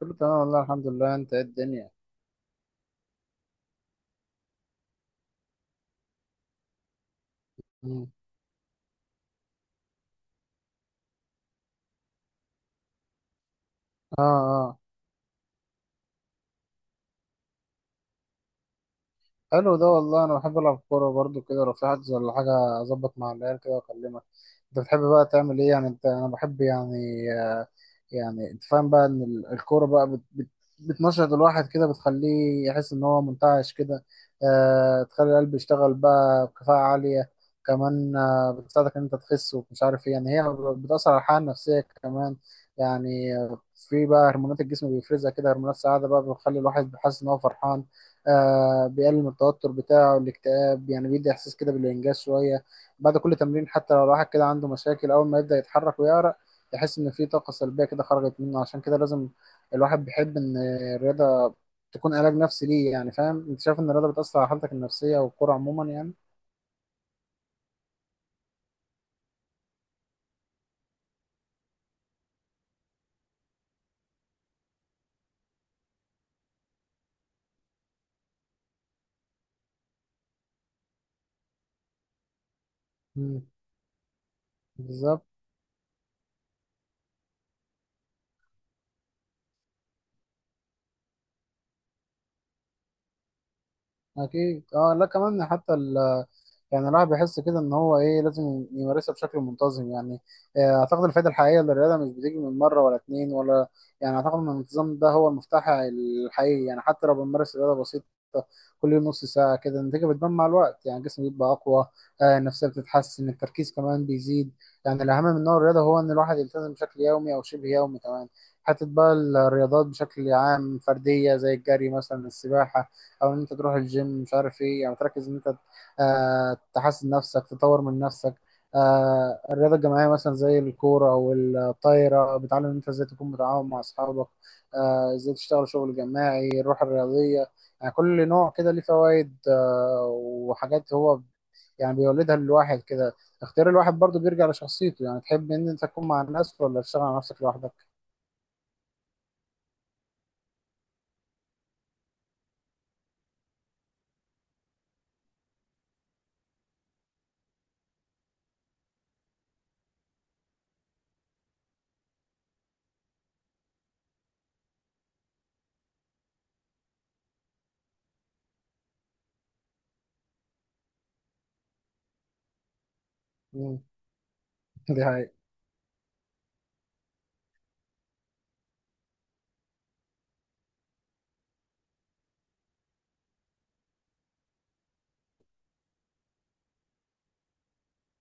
كله تمام والله الحمد لله، انت ايه الدنيا؟ مم. اه. اه. حلو ده والله، انا بحب العب كوره برضو كده. لو في حجز ولا حاجه اظبط مع العيال كده واكلمك. انت بتحب بقى تعمل ايه يعني؟ انا بحب يعني يعني انت فاهم بقى ان الكوره بقى بت بت بتنشط الواحد كده، بتخليه يحس ان هو منتعش كده. آه، تخلي القلب يشتغل بقى بكفاءه عاليه. كمان آه، بتساعدك ان انت تخس ومش عارف ايه. يعني هي بتاثر على الحاله النفسيه كمان. يعني في بقى هرمونات الجسم بيفرزها كده، هرمونات سعاده بقى بتخلي الواحد بيحس ان هو فرحان. آه، بيقلل من التوتر بتاعه الاكتئاب، يعني بيدي احساس كده بالانجاز شويه بعد كل تمرين. حتى لو الواحد كده عنده مشاكل، اول ما يبدا يتحرك ويعرق يحس ان في طاقه سلبيه كده خرجت منه. عشان كده لازم الواحد بيحب ان الرياضه تكون علاج نفسي ليه، يعني فاهم؟ انت شايف ان الرياضه بتاثر على حالتك النفسيه والكوره عموما يعني؟ مم. بالظبط. اكيد. اه لا، كمان حتى يعني الواحد بيحس كده ان هو ايه، لازم يمارسها بشكل منتظم يعني. آه، اعتقد الفائده الحقيقيه للرياضه مش بتيجي من مره ولا اتنين ولا يعني. اعتقد ان الانتظام ده هو المفتاح الحقيقي، يعني حتى لو بنمارس رياضه بسيطه كل يوم نص ساعه كده النتيجه بتبان مع الوقت. يعني الجسم بيبقى اقوى، آه، النفسيه بتتحسن، التركيز كمان بيزيد. يعني الاهم من نوع الرياضه هو ان الواحد يلتزم بشكل يومي او شبه يومي. كمان حتى بقى الرياضات بشكل عام فرديه زي الجري مثلا، السباحه، او ان انت تروح الجيم مش عارف ايه، يعني تركز ان انت آه تحسن نفسك تطور من نفسك. آه، الرياضه الجماعيه مثلا زي الكوره او الطايره بتعلم ان انت ازاي تكون متعاون مع اصحابك، آه ازاي تشتغل شغل جماعي، الروح الرياضيه. يعني كل نوع كده ليه فوائد آه وحاجات هو يعني بيولدها للواحد كده. اختيار الواحد برضو بيرجع لشخصيته، يعني تحب ان انت تكون مع الناس ولا تشتغل على نفسك لوحدك. مم. دي حقيقة.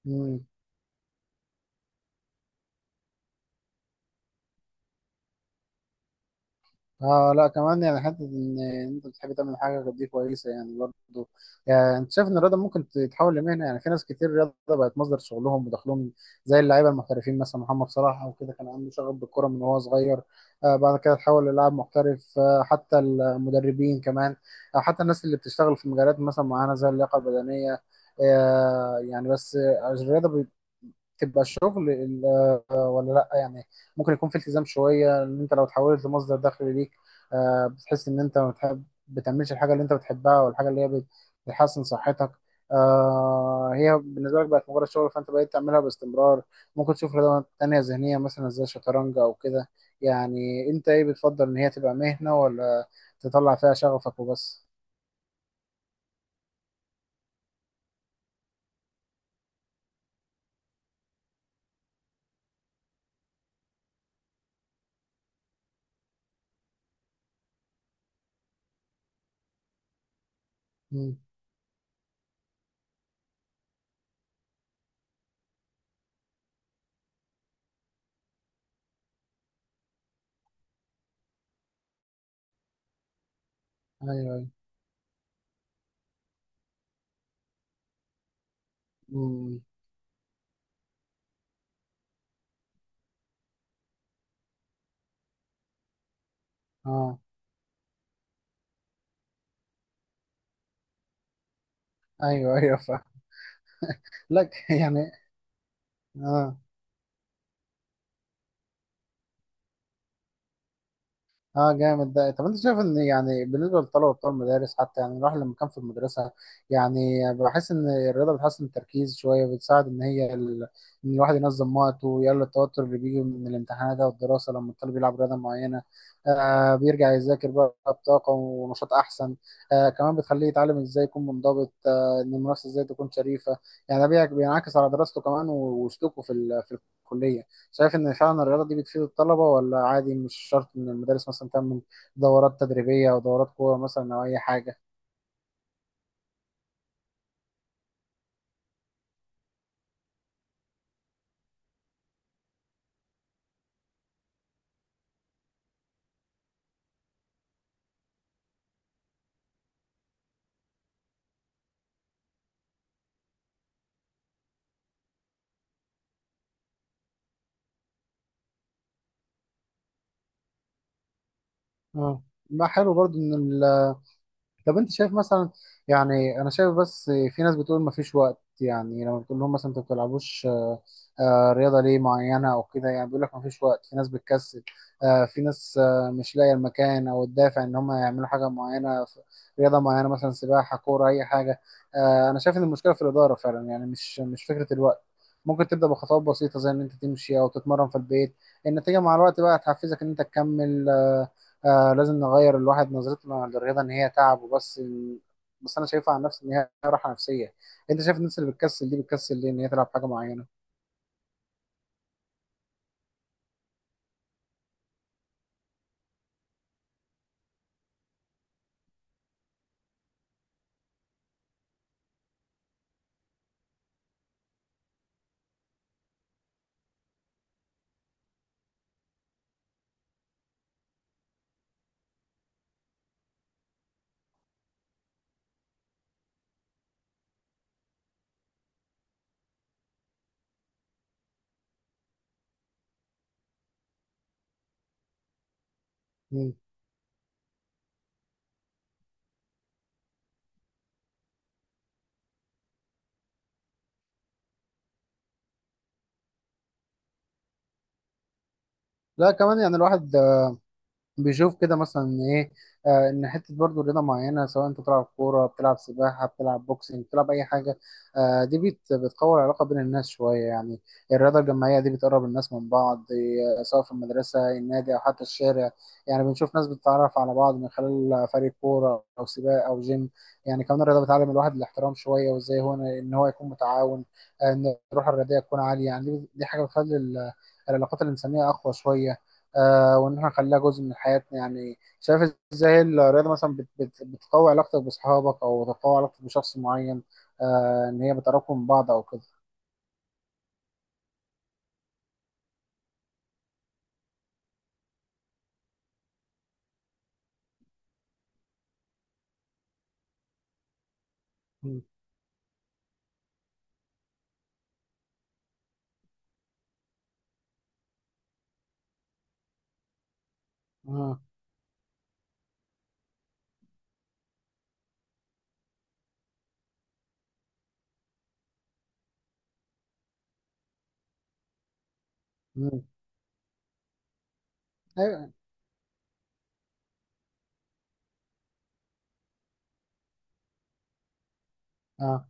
مم. اه. لا كمان يعني حته ان انت بتحب تعمل حاجه، دي كويسه يعني برضه. يعني انت شايف ان الرياضه ممكن تتحول لمهنه؟ يعني في ناس كتير الرياضه بقت مصدر شغلهم ودخلهم، زي اللعيبه المحترفين مثلا محمد صلاح او كده كان عنده شغف بالكره من وهو صغير، آه بعد كده اتحول للاعب محترف. آه حتى المدربين كمان، آه حتى الناس اللي بتشتغل في مجالات مثلا معينه زي اللياقه البدنيه. آه يعني بس الرياضه تبقى الشغل آه، ولا لا يعني؟ ممكن يكون في التزام شويه ان انت لو تحولت لمصدر دخل ليك، آه، بتحس ان انت ما بتحب بتعملش الحاجه اللي انت بتحبها، والحاجه اللي هي بتحسن صحتك آه، هي بالنسبه لك بقت مجرد شغل، فانت بقيت تعملها باستمرار. ممكن تشوف رياضه تانيه ذهنيه مثلا زي الشطرنج او كده. يعني انت ايه، بتفضل ان هي تبقى مهنه ولا تطلع فيها شغفك وبس؟ مم. ايوه ايوه. مم. اه. ايوه ايوه فاهم لك يعني. اه. اه جامد ده. طب انت شايف ان يعني بالنسبه للطلبه بتوع المدارس حتى، يعني الواحد لما كان في المدرسه يعني بحس ان الرياضه بتحسن التركيز شويه، بتساعد ان هي ان الواحد ينظم وقته ويقلل التوتر اللي بيجي من الامتحانات او الدراسه. لما الطالب يلعب رياضه معينه آه بيرجع يذاكر بقى بطاقه ونشاط احسن. آه كمان بتخليه يتعلم ازاي يكون منضبط، آه ان المنافسه ازاي تكون شريفه. يعني ده بينعكس على دراسته كمان وسلوكه في في الكليه. شايف ان فعلا الرياضه دي بتفيد الطلبه ولا عادي، مش شرط ان المدارس مثلا تعمل دورات تدريبيه او دورات قوه مثلا او اي حاجه؟ اه، ما حلو برضو ان، طب انت شايف مثلا، يعني انا شايف بس في ناس بتقول ما فيش وقت. يعني لما بتقول لهم مثلا انت ما بتلعبوش رياضه ليه معينه او كده، يعني بيقول لك ما فيش وقت. في ناس بتكسل آه، في ناس آه، مش لاقيه المكان او الدافع ان هم يعملوا حاجه معينه، رياضه معينه مثلا سباحه كوره اي حاجه. آه، انا شايف ان المشكله في الاداره فعلا يعني، مش فكره الوقت. ممكن تبدا بخطوات بسيطه زي ان انت تمشي او تتمرن في البيت. النتيجه مع الوقت بقى هتحفزك ان انت تكمل. لازم نغير الواحد نظرته للرياضه ان هي تعب وبس. بس انا شايفها عن نفسي ان هي راحه نفسيه. انت شايف الناس اللي بتكسل دي بتكسل ليه ان هي تلعب حاجه معينه؟ مم. لا كمان يعني الواحد بيشوف كده مثلا ايه، آه ان حته برضو رياضه معينه سواء انت بتلعب كوره بتلعب سباحه بتلعب بوكسنج بتلعب اي حاجه، آه دي بتقوي العلاقه بين الناس شويه يعني. الرياضه الجماعيه دي بتقرب الناس من بعض آه، سواء في المدرسه النادي او حتى الشارع. يعني بنشوف ناس بتتعرف على بعض من خلال فريق كوره او سباق او جيم. يعني كمان الرياضه بتعلم الواحد الاحترام شويه، وازاي هو ان هو يكون متعاون آه، ان الروح الرياضيه تكون عاليه. يعني دي حاجه بتخلي العلاقات الانسانيه اقوى شويه. آه، وان احنا نخليها جزء من حياتنا. يعني شايف ازاي الرياضه مثلا بت بت بتقوي علاقتك باصحابك او تقوي علاقتك بشخص معين، آه ان هي بتقربكم من بعض او كده؟ مم. مم. مم. ايوه. اه.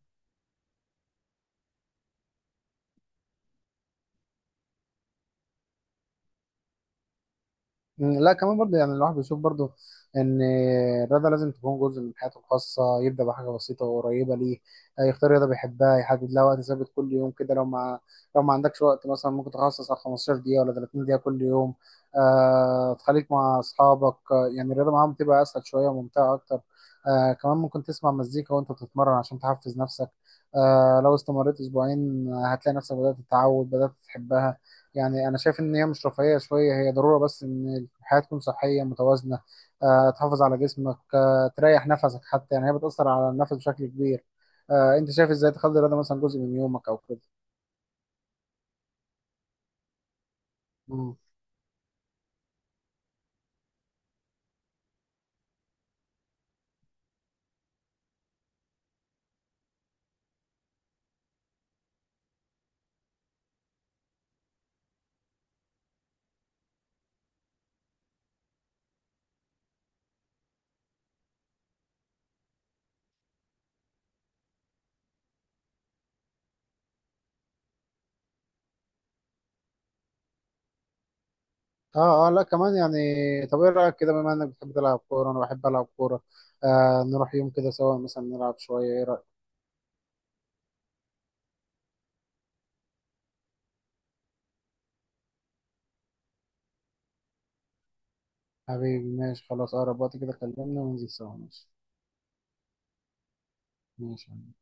مم، لا كمان برضه يعني الواحد بيشوف برضه ان الرياضه لازم تكون جزء من حياته الخاصه. يبدا بحاجه بسيطه وقريبه ليه، آه، يختار رياضه بيحبها، يحدد لها وقت ثابت كل يوم كده. لو ما عندكش وقت مثلا ممكن تخصص على 15 دقيقه ولا 30 دقيقه كل يوم. آه تخليك مع اصحابك، آه، يعني الرياضه معاهم بتبقى اسهل شويه وممتعه اكتر. آه كمان ممكن تسمع مزيكا وانت بتتمرن عشان تحفز نفسك. آه لو استمريت اسبوعين آه، هتلاقي نفسك تتعود بدات تحبها. يعني انا شايف ان هي مش رفاهيه شويه، هي ضروره بس ان الحياه تكون صحيه متوازنه. آه، تحافظ على جسمك آه، تريح نفسك حتى، يعني هي بتاثر على النفس بشكل كبير. آه، انت شايف ازاي تخلي الرياضه مثلا جزء من يومك او كده؟ مم. اه. اه لا كمان يعني، طب ايه رايك كده، بما انك بتحب تلعب كوره انا بحب العب كوره، آه نروح يوم كده سوا مثلا نلعب شويه؟ ايه رايك؟ حبيبي ماشي خلاص، اقرب وقت كده كلمني وننزل سوا. ماشي. ماشي.